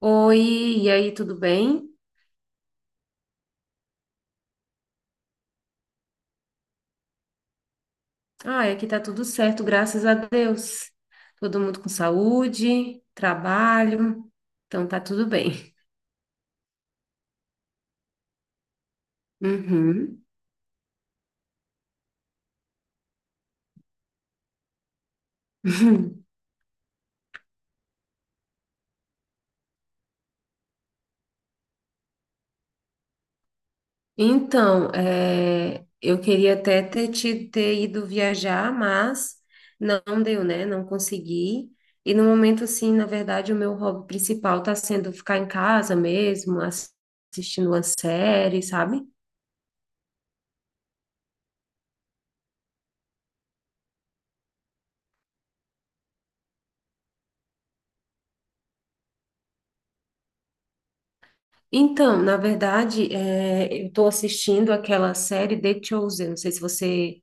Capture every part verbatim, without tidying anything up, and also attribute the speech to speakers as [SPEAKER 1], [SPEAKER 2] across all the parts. [SPEAKER 1] Oi, e aí, tudo bem? Ah, aqui tá tudo certo, graças a Deus. Todo mundo com saúde, trabalho, então tá tudo bem. Uhum. Então, é, eu queria até ter, te- ter ido viajar, mas não deu, né? Não consegui. E no momento, assim, na verdade, o meu hobby principal tá sendo ficar em casa mesmo, ass- assistindo uma série, sabe? Então, na verdade, é, eu estou assistindo aquela série The Chosen. Não sei se você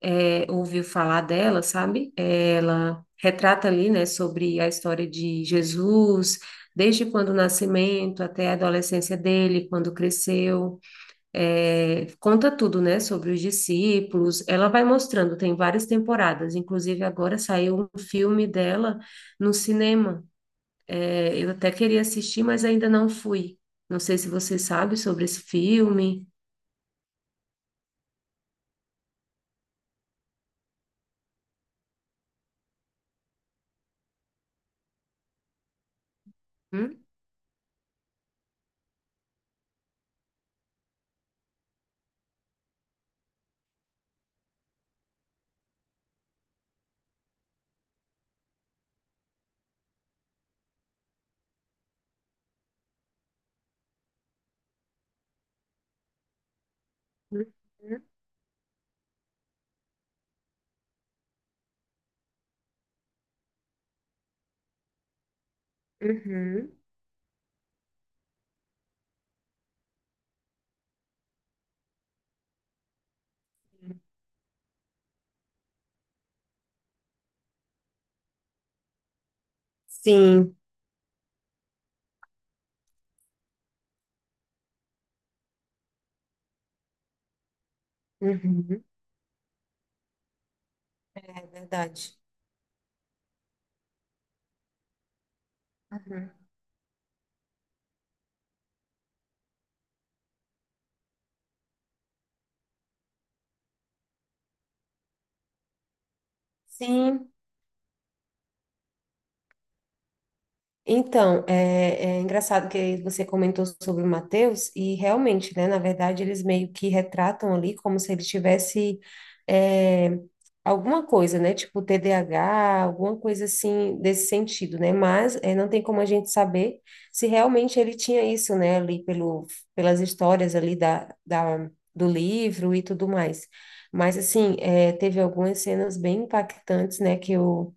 [SPEAKER 1] é, ouviu falar dela, sabe? É, Ela retrata ali, né, sobre a história de Jesus, desde quando o nascimento até a adolescência dele, quando cresceu. É, conta tudo, né, sobre os discípulos. Ela vai mostrando, tem várias temporadas. Inclusive, agora saiu um filme dela no cinema. É, eu até queria assistir, mas ainda não fui. Não sei se você sabe sobre esse filme. Hum? Uhum. Uhum. Sim. Uhum. É verdade. Uhum. Sim. Então, é, é engraçado que você comentou sobre o Mateus, e realmente, né, na verdade, eles meio que retratam ali como se ele tivesse é, alguma coisa, né, tipo T D A H, alguma coisa assim desse sentido, né, mas é, não tem como a gente saber se realmente ele tinha isso, né, ali pelo, pelas histórias ali da, da, do livro e tudo mais. Mas, assim, é, teve algumas cenas bem impactantes, né, que eu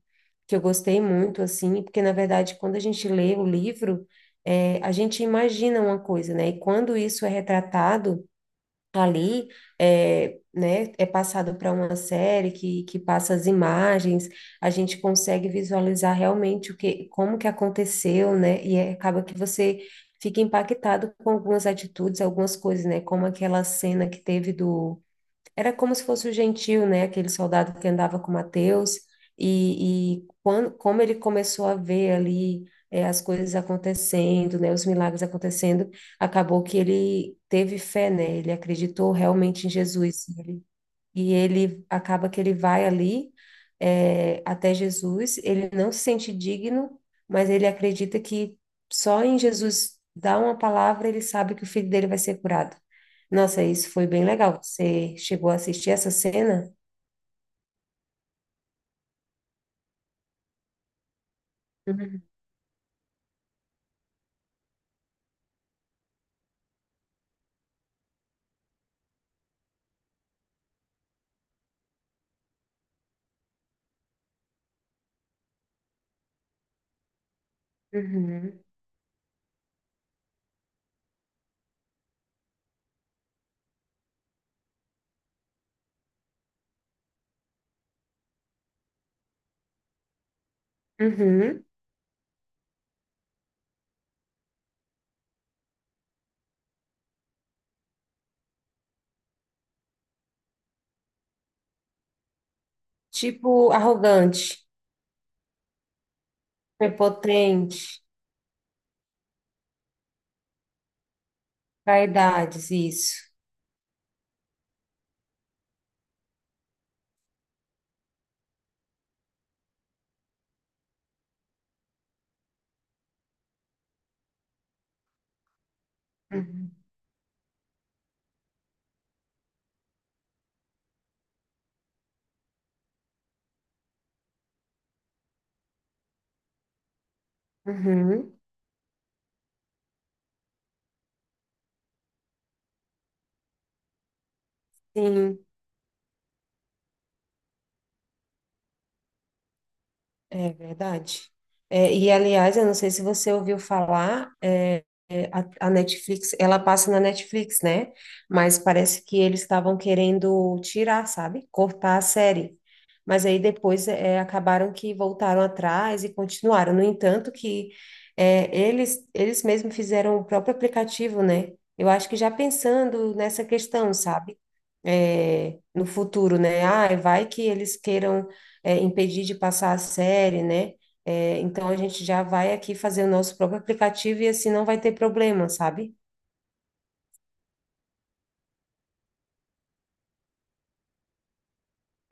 [SPEAKER 1] que eu gostei muito, assim, porque na verdade, quando a gente lê o livro, é, a gente imagina uma coisa, né? E quando isso é retratado ali, é, né, é passado para uma série que, que passa as imagens, a gente consegue visualizar realmente o que, como que aconteceu, né? E é- acaba que você fica impactado com algumas atitudes, algumas coisas, né? Como aquela cena que teve do era como se fosse o Gentil, né? Aquele soldado que andava com Mateus. E, e quando, como ele começou a ver ali eh, as coisas acontecendo, né? Os milagres acontecendo, acabou que ele teve fé, né? Ele acreditou realmente em Jesus e ele acaba que ele vai ali é, até Jesus, ele não se sente digno, mas ele acredita que só em Jesus dar uma palavra ele sabe que o filho dele vai ser curado. Nossa, isso foi bem legal. Você chegou a assistir essa cena? Uhum, uhum, uhum. Tipo arrogante, prepotente, vaidades, isso. Uhum, uhum, sim. É verdade. É, e, aliás, eu não sei se você ouviu falar, é, é, a, a Netflix, ela passa na Netflix, né? Mas parece que eles estavam querendo tirar, sabe? Cortar a série. Mas aí depois é, acabaram que voltaram atrás e continuaram. No entanto, que é, eles, eles mesmos fizeram o próprio aplicativo, né? Eu acho que já pensando nessa questão, sabe? É, no futuro, né? Ah, vai que eles queiram é, impedir de passar a série, né? É, então a gente já vai aqui fazer o nosso próprio aplicativo e assim não vai ter problema, sabe?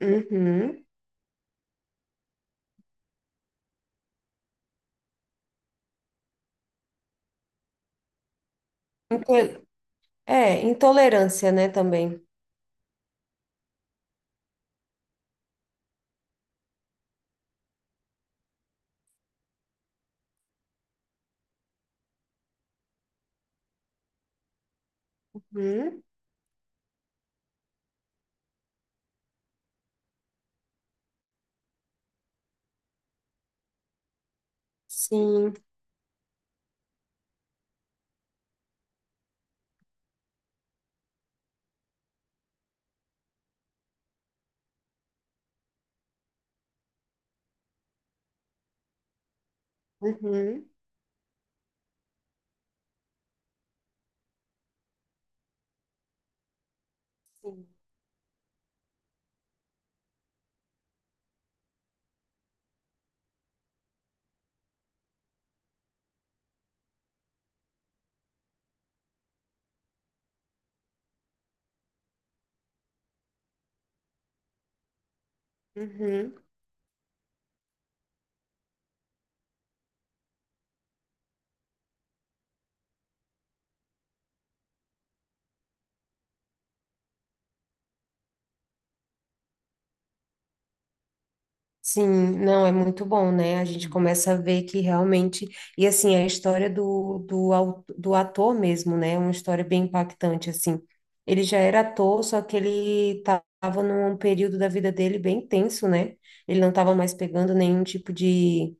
[SPEAKER 1] Uhum. Into- É, intolerância, né, também. Uhum. Sim. Uhum. Sim. Uhum. Sim, não, é muito bom, né? A gente começa a ver que realmente. E assim, a história do, do, au- do ator mesmo, né? É uma história bem impactante, assim. Ele já era ator, só que ele estava num período da vida dele bem tenso, né? Ele não estava mais pegando nenhum tipo de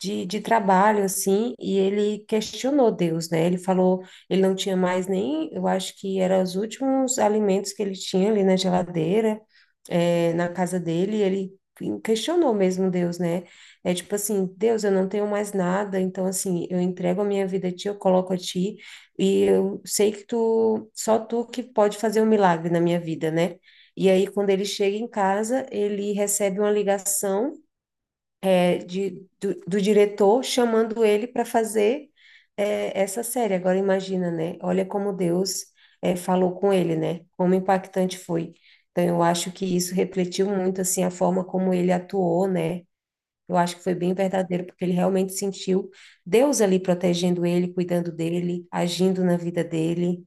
[SPEAKER 1] de, de trabalho, assim, e ele questionou Deus, né? Ele falou, ele não tinha mais nem, eu acho que eram os últimos alimentos que ele tinha ali na geladeira, eh, na casa dele, e ele questionou mesmo Deus, né? É tipo assim, Deus, eu não tenho mais nada, então assim, eu entrego a minha vida a ti, eu coloco a ti, e eu sei que tu, só tu que pode fazer um milagre na minha vida, né? E aí, quando ele chega em casa, ele recebe uma ligação é, de, do, do diretor chamando ele para fazer é, essa série. Agora imagina, né? Olha como Deus é, falou com ele, né? Como impactante foi. Então eu acho que isso refletiu muito assim a forma como ele atuou, né? Eu acho que foi bem verdadeiro porque ele realmente sentiu Deus ali protegendo ele, cuidando dele, agindo na vida dele.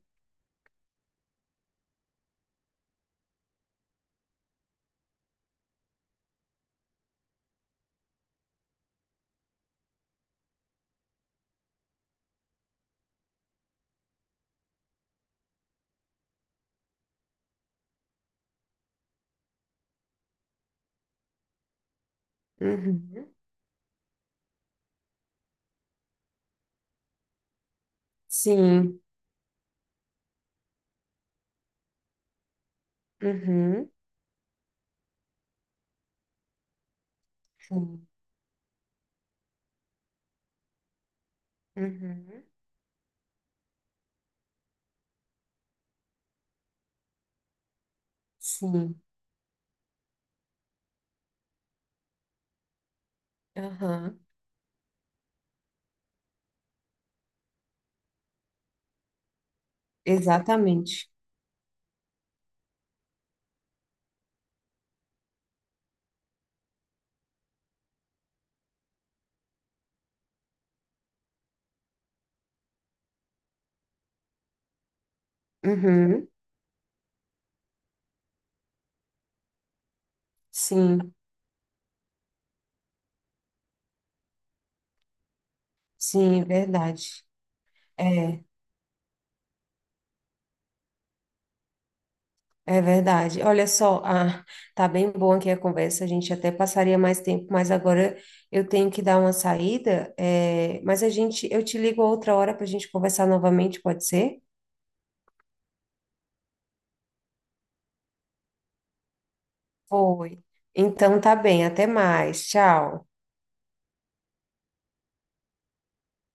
[SPEAKER 1] Uhum. Sim. Uhum. Sim. Uhum. Sim. Aham. Exatamente. Uhum. Sim, sim, é verdade. É, é verdade. Olha só, ah, tá bem bom aqui a conversa, a gente até passaria mais tempo, mas agora eu tenho que dar uma saída, é, mas a gente, eu te ligo outra hora para a gente conversar novamente, pode ser? Foi. Então tá bem, até mais. Tchau.